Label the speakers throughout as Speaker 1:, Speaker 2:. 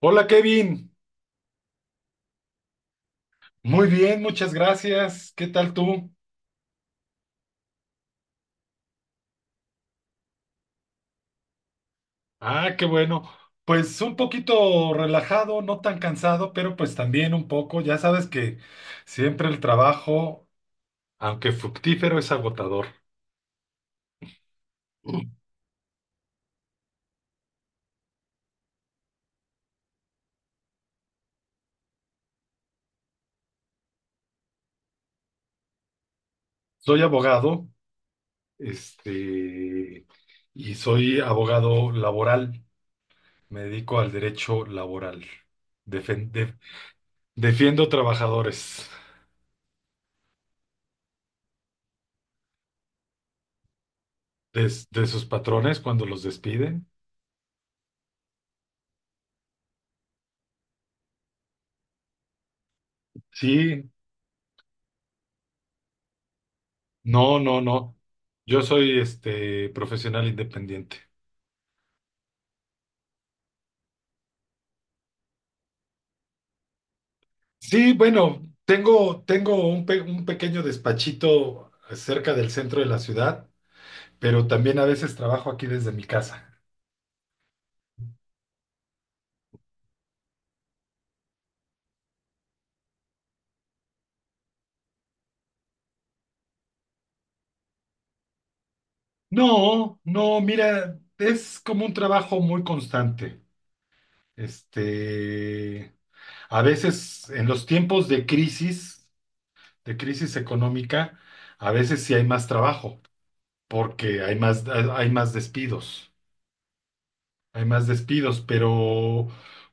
Speaker 1: Hola, Kevin. Muy bien, muchas gracias. ¿Qué tal tú? Ah, qué bueno. Pues un poquito relajado, no tan cansado, pero pues también un poco. Ya sabes que siempre el trabajo, aunque fructífero, es agotador. Soy abogado, este, y soy abogado laboral. Me dedico al derecho laboral. Defen- de- Defiendo trabajadores de de sus patrones cuando los despiden. Sí. No, no, no. Yo soy profesional independiente. Sí, bueno, tengo un pequeño despachito cerca del centro de la ciudad, pero también a veces trabajo aquí desde mi casa. No, no, mira, es como un trabajo muy constante. Este, a veces en los tiempos de crisis económica, a veces sí hay más trabajo, porque hay más despidos. Hay más despidos, pero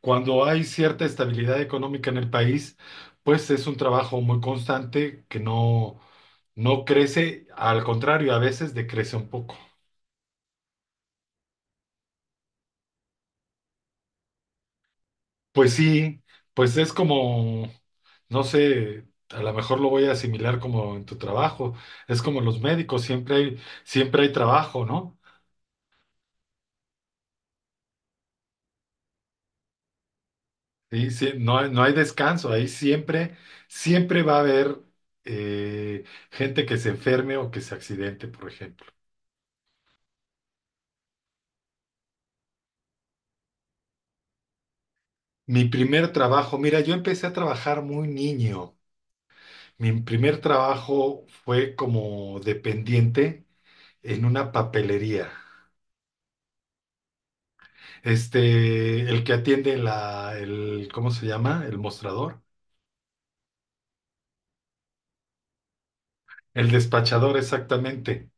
Speaker 1: cuando hay cierta estabilidad económica en el país, pues es un trabajo muy constante que no, no crece. Al contrario, a veces decrece un poco. Pues sí, pues es como, no sé, a lo mejor lo voy a asimilar como en tu trabajo. Es como los médicos, siempre hay trabajo, ¿no? Y sí, no hay descanso. Ahí siempre va a haber eh, gente que se enferme o que se accidente, por ejemplo. Mi primer trabajo, mira, yo empecé a trabajar muy niño. Mi primer trabajo fue como dependiente en una papelería. El que atiende el, ¿cómo se llama? El mostrador. El despachador, exactamente.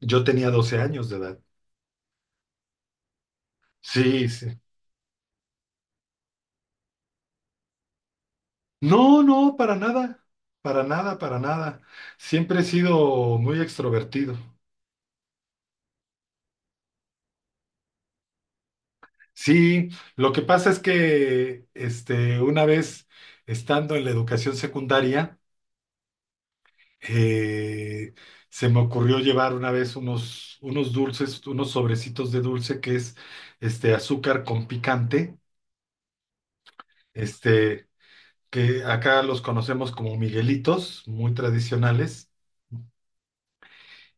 Speaker 1: Yo tenía 12 años de edad. Sí, sí. No, no, para nada. Para nada, para nada. Siempre he sido muy extrovertido. Sí, lo que pasa es que una vez estando en la educación secundaria, eh, se me ocurrió llevar una vez unos dulces, unos sobrecitos de dulce que es azúcar con picante, este, que acá los conocemos como Miguelitos, muy tradicionales,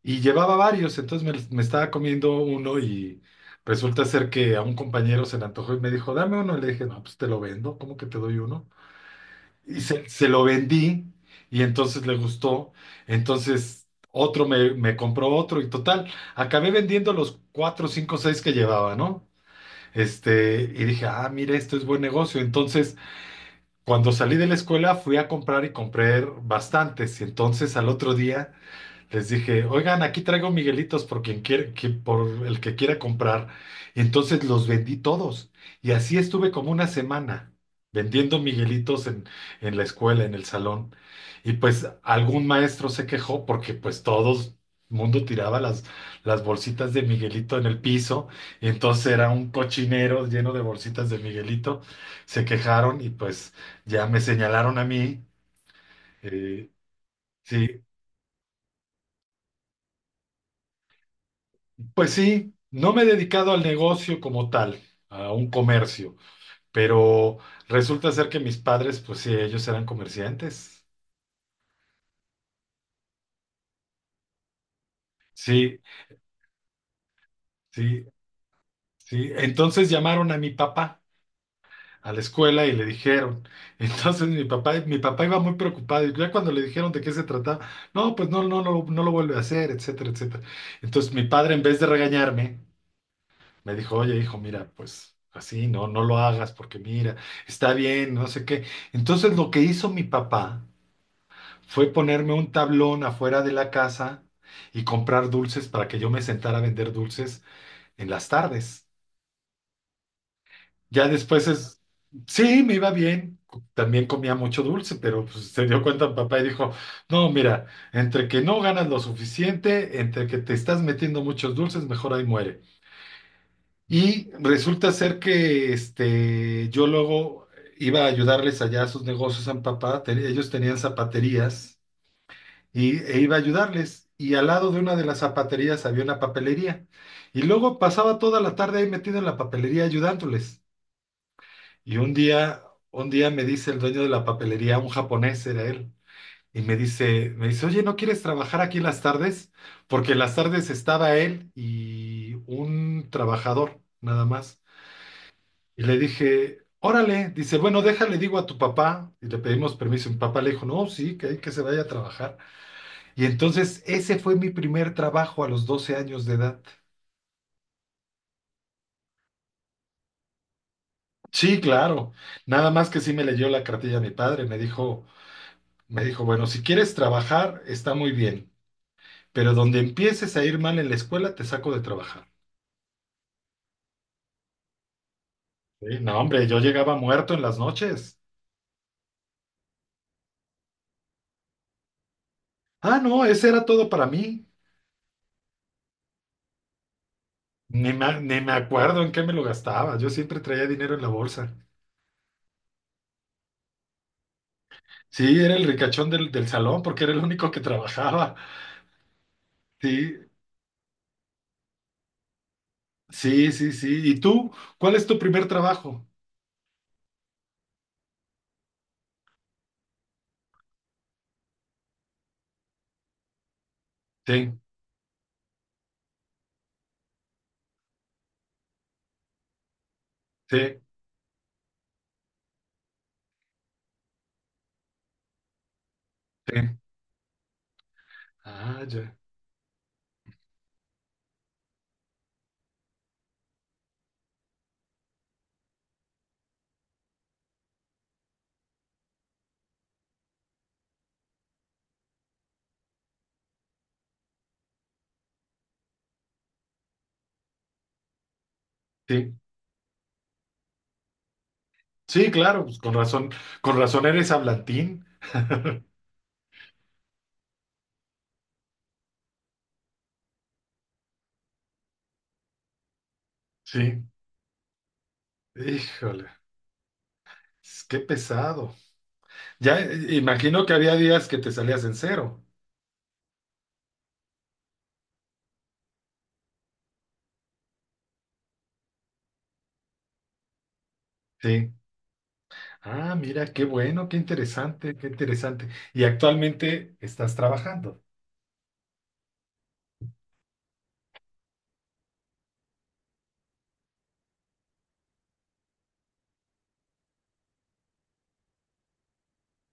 Speaker 1: y llevaba varios. Entonces me estaba comiendo uno y resulta ser que a un compañero se le antojó y me dijo, "Dame uno", y le dije, "No, pues te lo vendo, ¿cómo que te doy uno?". Y se lo vendí y entonces le gustó. Entonces otro me compró otro y total, acabé vendiendo los cuatro, cinco, seis que llevaba, ¿no? Y dije, "Ah, mira, esto es buen negocio". Entonces, cuando salí de la escuela, fui a comprar y compré bastantes. Y entonces al otro día les dije, "Oigan, aquí traigo Miguelitos por quien quiere, por el que quiera comprar". Y entonces los vendí todos. Y así estuve como una semana vendiendo Miguelitos en la escuela, en el salón. Y pues algún maestro se quejó porque pues todos mundo tiraba las bolsitas de Miguelito en el piso. Y entonces era un cochinero lleno de bolsitas de Miguelito. Se quejaron y pues ya me señalaron a mí. eh, sí. Pues sí, no me he dedicado al negocio como tal, a un comercio, pero resulta ser que mis padres, pues sí, ellos eran comerciantes. Sí, sí, sí. Entonces llamaron a mi papá a la escuela y le dijeron. Entonces mi papá iba muy preocupado y ya cuando le dijeron de qué se trataba, "No, pues no, no, no, no lo vuelve a hacer, etcétera, etcétera". Entonces mi padre, en vez de regañarme, me dijo, "Oye, hijo, mira, pues así, no, no lo hagas porque mira, está bien, no sé qué". Entonces lo que hizo mi papá fue ponerme un tablón afuera de la casa y comprar dulces para que yo me sentara a vender dulces en las tardes. Ya después sí, me iba bien. También comía mucho dulce, pero pues se dio cuenta mi papá y dijo, "No, mira, entre que no ganas lo suficiente, entre que te estás metiendo muchos dulces, mejor ahí muere". Y resulta ser que yo luego iba a ayudarles allá a sus negocios a mi papá. Ellos tenían zapaterías e iba a ayudarles. Y al lado de una de las zapaterías había una papelería. Y luego pasaba toda la tarde ahí metido en la papelería ayudándoles. Y un día me dice el dueño de la papelería, un japonés era él, y me dice, "Oye, ¿no quieres trabajar aquí las tardes?". Porque las tardes estaba él y un trabajador, nada más. Y le dije, "Órale". Dice, "Bueno, déjale, digo a tu papá, y le pedimos permiso". Mi papá le dijo, "No, sí, que, hay que se vaya a trabajar". Y entonces ese fue mi primer trabajo a los 12 años de edad. Sí, claro. Nada más que sí me leyó la cartilla mi padre, me dijo, "Bueno, si quieres trabajar, está muy bien, pero donde empieces a ir mal en la escuela, te saco de trabajar". Sí, no, hombre, yo llegaba muerto en las noches. Ah, no, ese era todo para mí. Ni me acuerdo en qué me lo gastaba. Yo siempre traía dinero en la bolsa. Sí, era el ricachón del salón porque era el único que trabajaba. Sí, sí, sí, sí. ¿Y tú? ¿Cuál es tu primer trabajo? Sí, sí, sí. Ah, ya. Sí, sí, claro, pues con razón eres hablantín. Sí, híjole, qué pesado. Ya, imagino que había días que te salías en cero. Sí. Ah, mira, qué bueno, qué interesante, qué interesante. ¿Y actualmente estás trabajando?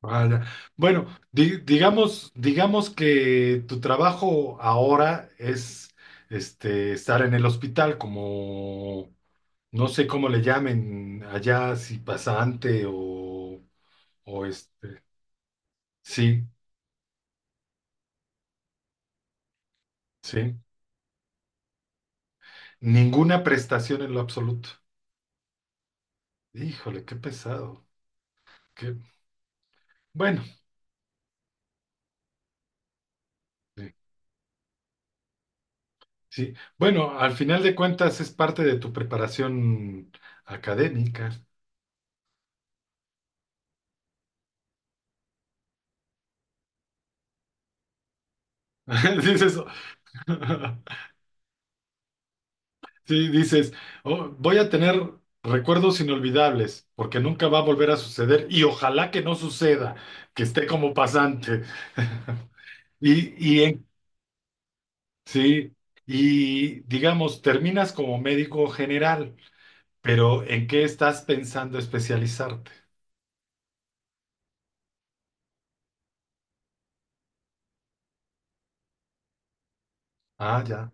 Speaker 1: Vaya. Bueno, digamos que tu trabajo ahora es estar en el hospital como no sé cómo le llamen allá, si pasante o. Sí, sí. Ninguna prestación en lo absoluto. Híjole, qué pesado. Qué... Bueno, sí. Sí. Bueno, al final de cuentas es parte de tu preparación académica. Dices eso. Sí, dices, "Oh, voy a tener recuerdos inolvidables, porque nunca va a volver a suceder y ojalá que no suceda, que esté como pasante". Y sí, y digamos, terminas como médico general, pero ¿en qué estás pensando especializarte? Ah, ya,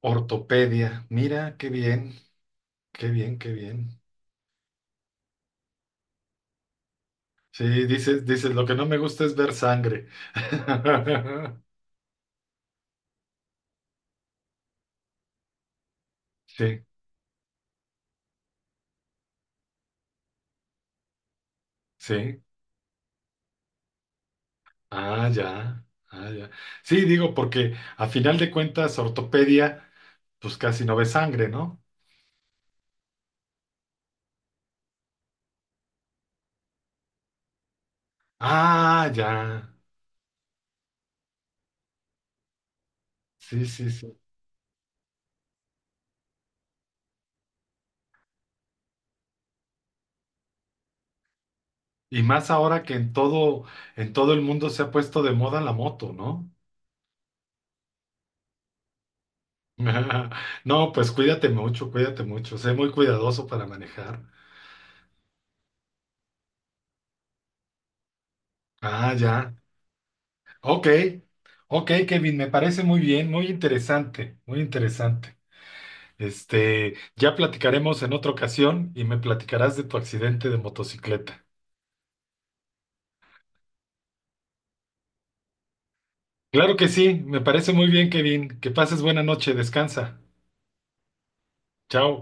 Speaker 1: ortopedia. Mira, qué bien, qué bien, qué bien. Sí, dices, lo que no me gusta es ver sangre. Sí, sí. Ah, ya, ah, ya. Sí, digo, porque a final de cuentas, ortopedia, pues casi no ve sangre, ¿no? Ah, ya. Sí, sí, sí. Y más ahora que en todo el mundo se ha puesto de moda la moto, ¿no? No, pues cuídate mucho, cuídate mucho. Sé muy cuidadoso para manejar. Ah, ya. Ok, ok, Kevin, me parece muy bien, muy interesante, muy interesante. Ya platicaremos en otra ocasión y me platicarás de tu accidente de motocicleta. Claro que sí, me parece muy bien, Kevin. Que pases buena noche, descansa. Chao.